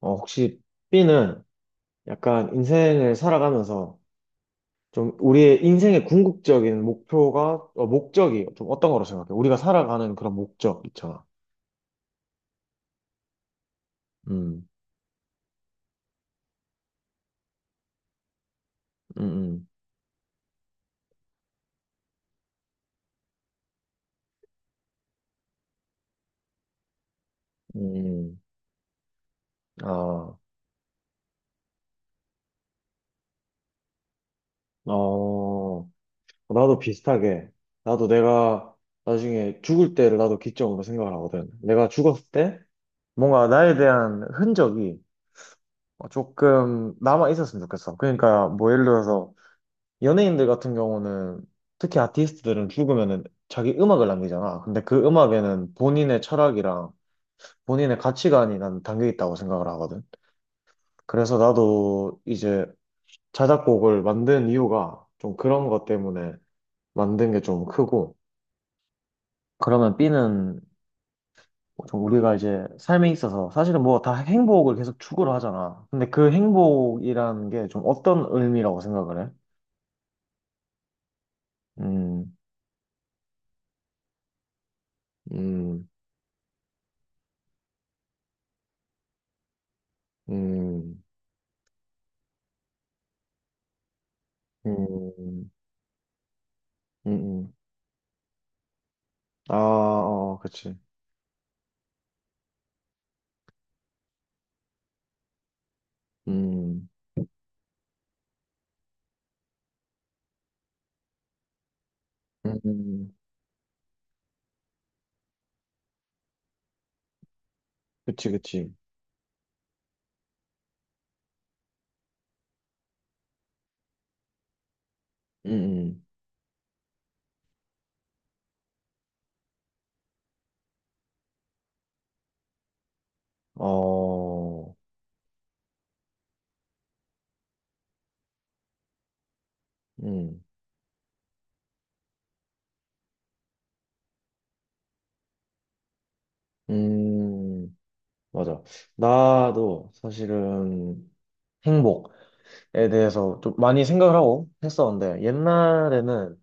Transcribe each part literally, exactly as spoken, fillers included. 어, 혹시 B는 약간 인생을 살아가면서 좀 우리의 인생의 궁극적인 목표가, 어, 목적이 좀 어떤 거로 생각해? 우리가 살아가는 그런 목적 있잖아. 음, 음, 음, 음. 음. 아, 어, 나도 비슷하게. 나도 내가 나중에 죽을 때를 나도 기점으로 생각을 하거든. 내가 죽었을 때 뭔가 나에 대한 흔적이 조금 남아 있었으면 좋겠어. 그러니까 뭐 예를 들어서 연예인들 같은 경우는 특히 아티스트들은 죽으면은 자기 음악을 남기잖아. 근데 그 음악에는 본인의 철학이랑 본인의 가치관이 난 담겨 있다고 생각을 하거든. 그래서 나도 이제 자작곡을 만든 이유가 좀 그런 것 때문에 만든 게 좀 크고. 그러면 B는 좀 우리가 이제 삶에 있어서 사실은 뭐 다 행복을 계속 추구를 하잖아. 근데 그 행복이라는 게 좀 어떤 의미라고 생각을 해? 음, 음, 음, 음. 음, 음, 아, 어, 그치. 음, 음, 음. 그치, 그치. 음, 음, 어, 음, 음, 맞아. 나도 사실은 행복에 대해서 좀 많이 생각을 하고 했었는데, 옛날에는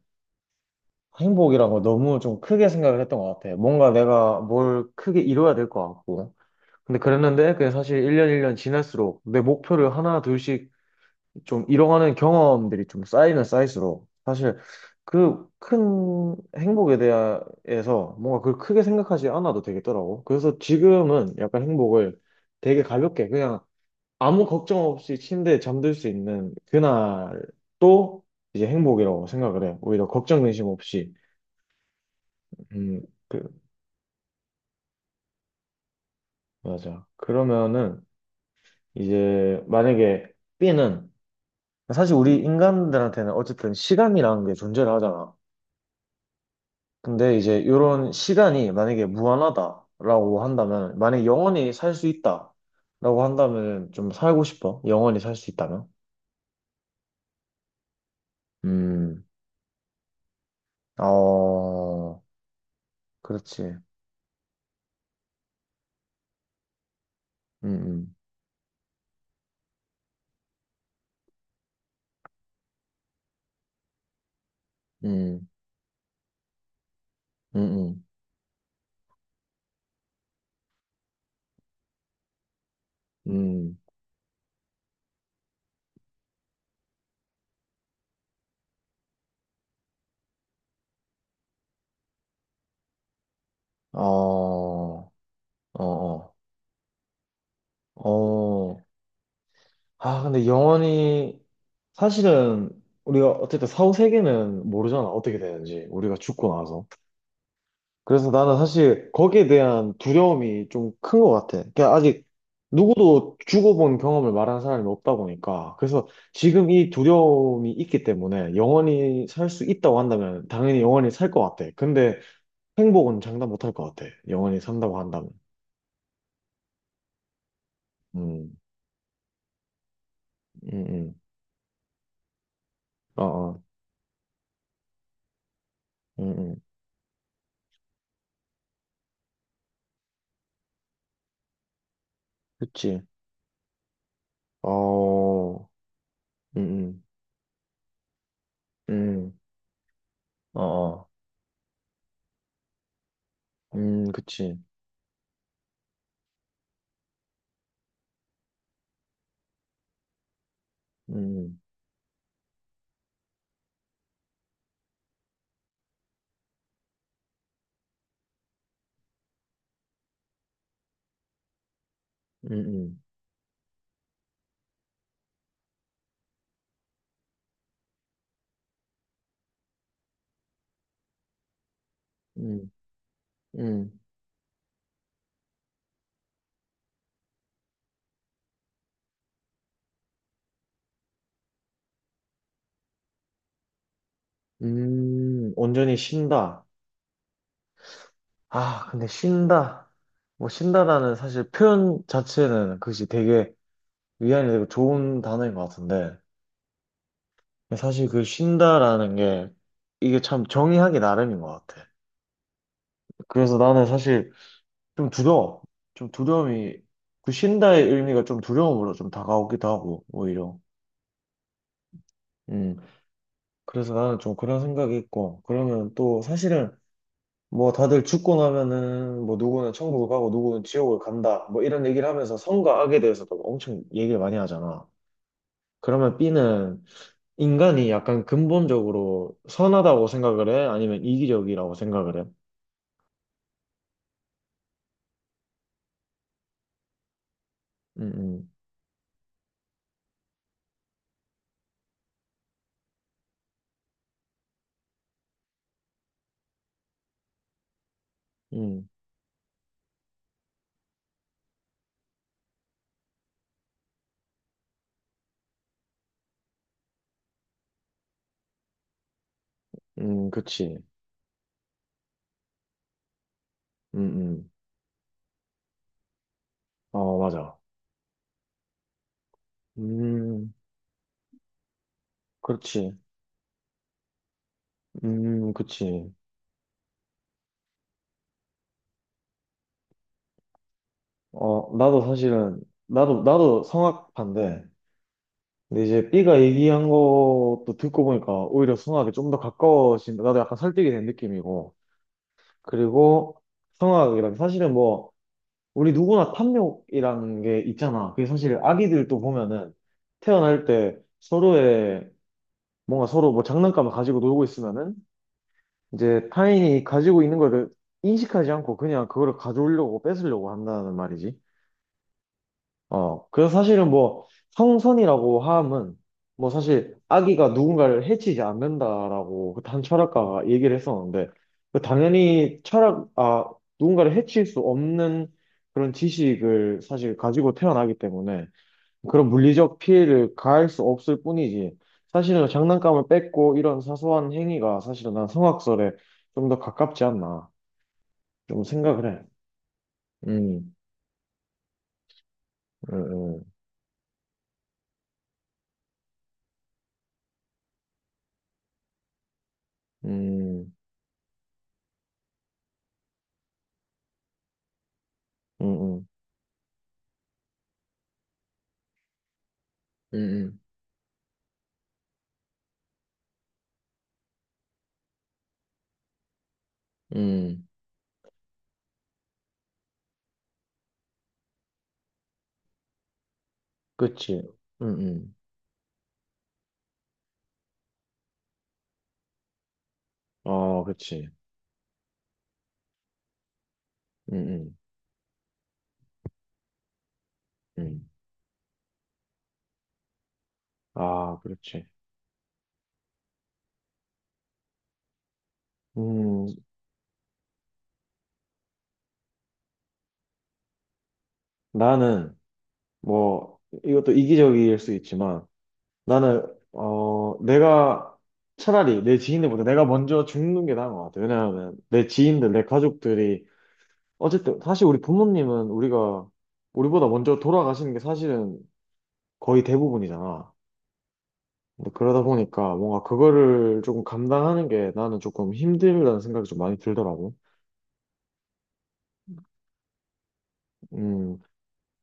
행복이란 걸 너무 좀 크게 생각을 했던 것 같아. 뭔가 내가 뭘 크게 이뤄야 될 것 같고. 근데 그랬는데, 그게 사실 일 년 일 년 지날수록 내 목표를 하나, 둘씩 좀이어가는 경험들이 좀 쌓이면 쌓일수록 사실 그 큰 행복에 대해서 뭔가 그걸 크게 생각하지 않아도 되겠더라고. 그래서 지금은 약간 행복을 되게 가볍게 그냥 아무 걱정 없이 침대에 잠들 수 있는 그날도 이제 행복이라고 생각을 해. 오히려 걱정 근심 없이. 음, 그, 맞아. 그러면은 이제 만약에 B는 사실 우리 인간들한테는 어쨌든 시간이라는 게 존재를 하잖아. 근데 이제 이런 시간이 만약에 무한하다라고 한다면, 만약에 영원히 살 수 있다라고 한다면 좀 살고 싶어? 영원히 살 수 있다면? 음, 어, 그렇지. 음, 음, 음, 음, 음, 음. 어, 어, 어, 어. 아, 근데 영원히, 사실은 우리가 어쨌든 사후 세계는 모르잖아. 어떻게 되는지. 우리가 죽고 나서. 그래서 나는 사실 거기에 대한 두려움이 좀 큰 것 같아. 그러니까 아직 누구도 죽어본 경험을 말하는 사람이 없다 보니까. 그래서 지금 이 두려움이 있기 때문에 영원히 살 수 있다고 한다면 당연히 영원히 살 것 같아. 근데 행복은 장담 못할 것 같아. 영원히 산다고 한다면. 음, 음, 음. 어, 어, 음, 음. 그치. 어, 음, 음, 음. 어, 어. 음, 그치. 음, 음, 음, 음, 음. 음, 온전히 쉰다. 아, 근데 쉰다. 뭐, 쉰다라는 사실 표현 자체는 그것이 되게 위안이 되고 좋은 단어인 것 같은데, 사실 그 쉰다라는 게 이게 참 정의하기 나름인 것 같아. 그래서 나는 사실 좀 두려워. 좀 두려움이, 그 쉰다의 의미가 좀 두려움으로 좀 다가오기도 하고, 오히려. 음, 그래서 나는 좀 그런 생각이 있고, 그러면 또 사실은 뭐 다들 죽고 나면은 뭐 누구는 천국을 가고 누구는 지옥을 간다 뭐 이런 얘기를 하면서 선과 악에 대해서도 엄청 얘기를 많이 하잖아. 그러면 B는 인간이 약간 근본적으로 선하다고 생각을 해? 아니면 이기적이라고 생각을 해? 음, 음, 음, 음, 그치. 음, 음. 어, 맞아. 음, 그렇지. 음, 그치. 어, 나도 사실은, 나도, 나도 성악파인데, 근데 이제 B가 얘기한 것도 듣고 보니까 오히려 성악에 좀 더 가까워진다. 나도 약간 설득이 된 느낌이고. 그리고 성악이란 사실은 뭐 우리 누구나 탐욕이란 게 있잖아. 그게 사실 아기들도 보면은 태어날 때 서로의 뭔가 서로 뭐 장난감을 가지고 놀고 있으면은 이제 타인이 가지고 있는 거를 인식하지 않고 그냥 그거를 가져오려고 뺏으려고 한다는 말이지. 어, 그래서 사실은 뭐 성선이라고 함은 뭐 사실 아기가 누군가를 해치지 않는다라고 그한 철학가가 얘기를 했었는데 그 당연히 철학, 아, 누군가를 해칠 수 없는 그런 지식을 사실 가지고 태어나기 때문에 그런 물리적 피해를 가할 수 없을 뿐이지 사실은 장난감을 뺏고 이런 사소한 행위가 사실은 난 성악설에 좀 더 가깝지 않나 좀 생각을 해. 음, 음, 음, 음, 음, 음, 음. 음, 음. 음, 그치. 음, 음. 어, 그치. 음, 음, 음. 아, 그렇지. 음, 나는, 뭐, 이것도 이기적일 수 있지만, 나는, 어, 내가 차라리 내 지인들보다 내가 먼저 죽는 게 나은 것 같아. 왜냐하면, 내 지인들, 내 가족들이, 어쨌든, 사실 우리 부모님은 우리가, 우리보다 먼저 돌아가시는 게 사실은 거의 대부분이잖아. 근데 그러다 보니까 뭔가 그거를 조금 감당하는 게 나는 조금 힘들다는 생각이 좀 많이 들더라고. 음,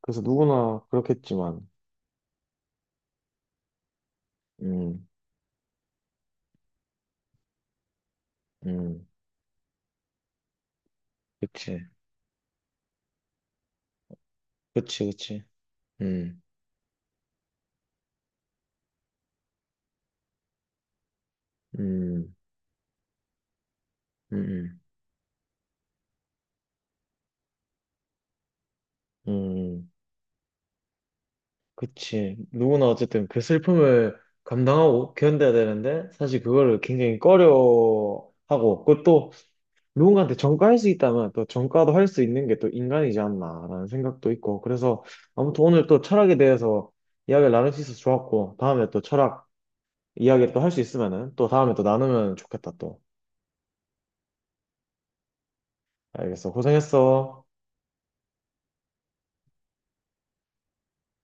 그래서 누구나 그렇겠지만, 음, 음, 그치, 그치, 그치, 음, 음, 음, 음, 음, 그치. 누구나 어쨌든 그 슬픔을 감당하고 견뎌야 되는데, 사실 그거를 굉장히 꺼려하고, 그것도 누군가한테 전가할 수 있다면 또 전가도 할 수 있는 게 또 인간이지 않나라는 생각도 있고, 그래서 아무튼 오늘 또 철학에 대해서 이야기를 나눌 수 있어서 좋았고, 다음에 또 철학 이야기를 또 할 수 있으면은, 또 다음에 또 나누면 좋겠다, 또. 알겠어. 고생했어.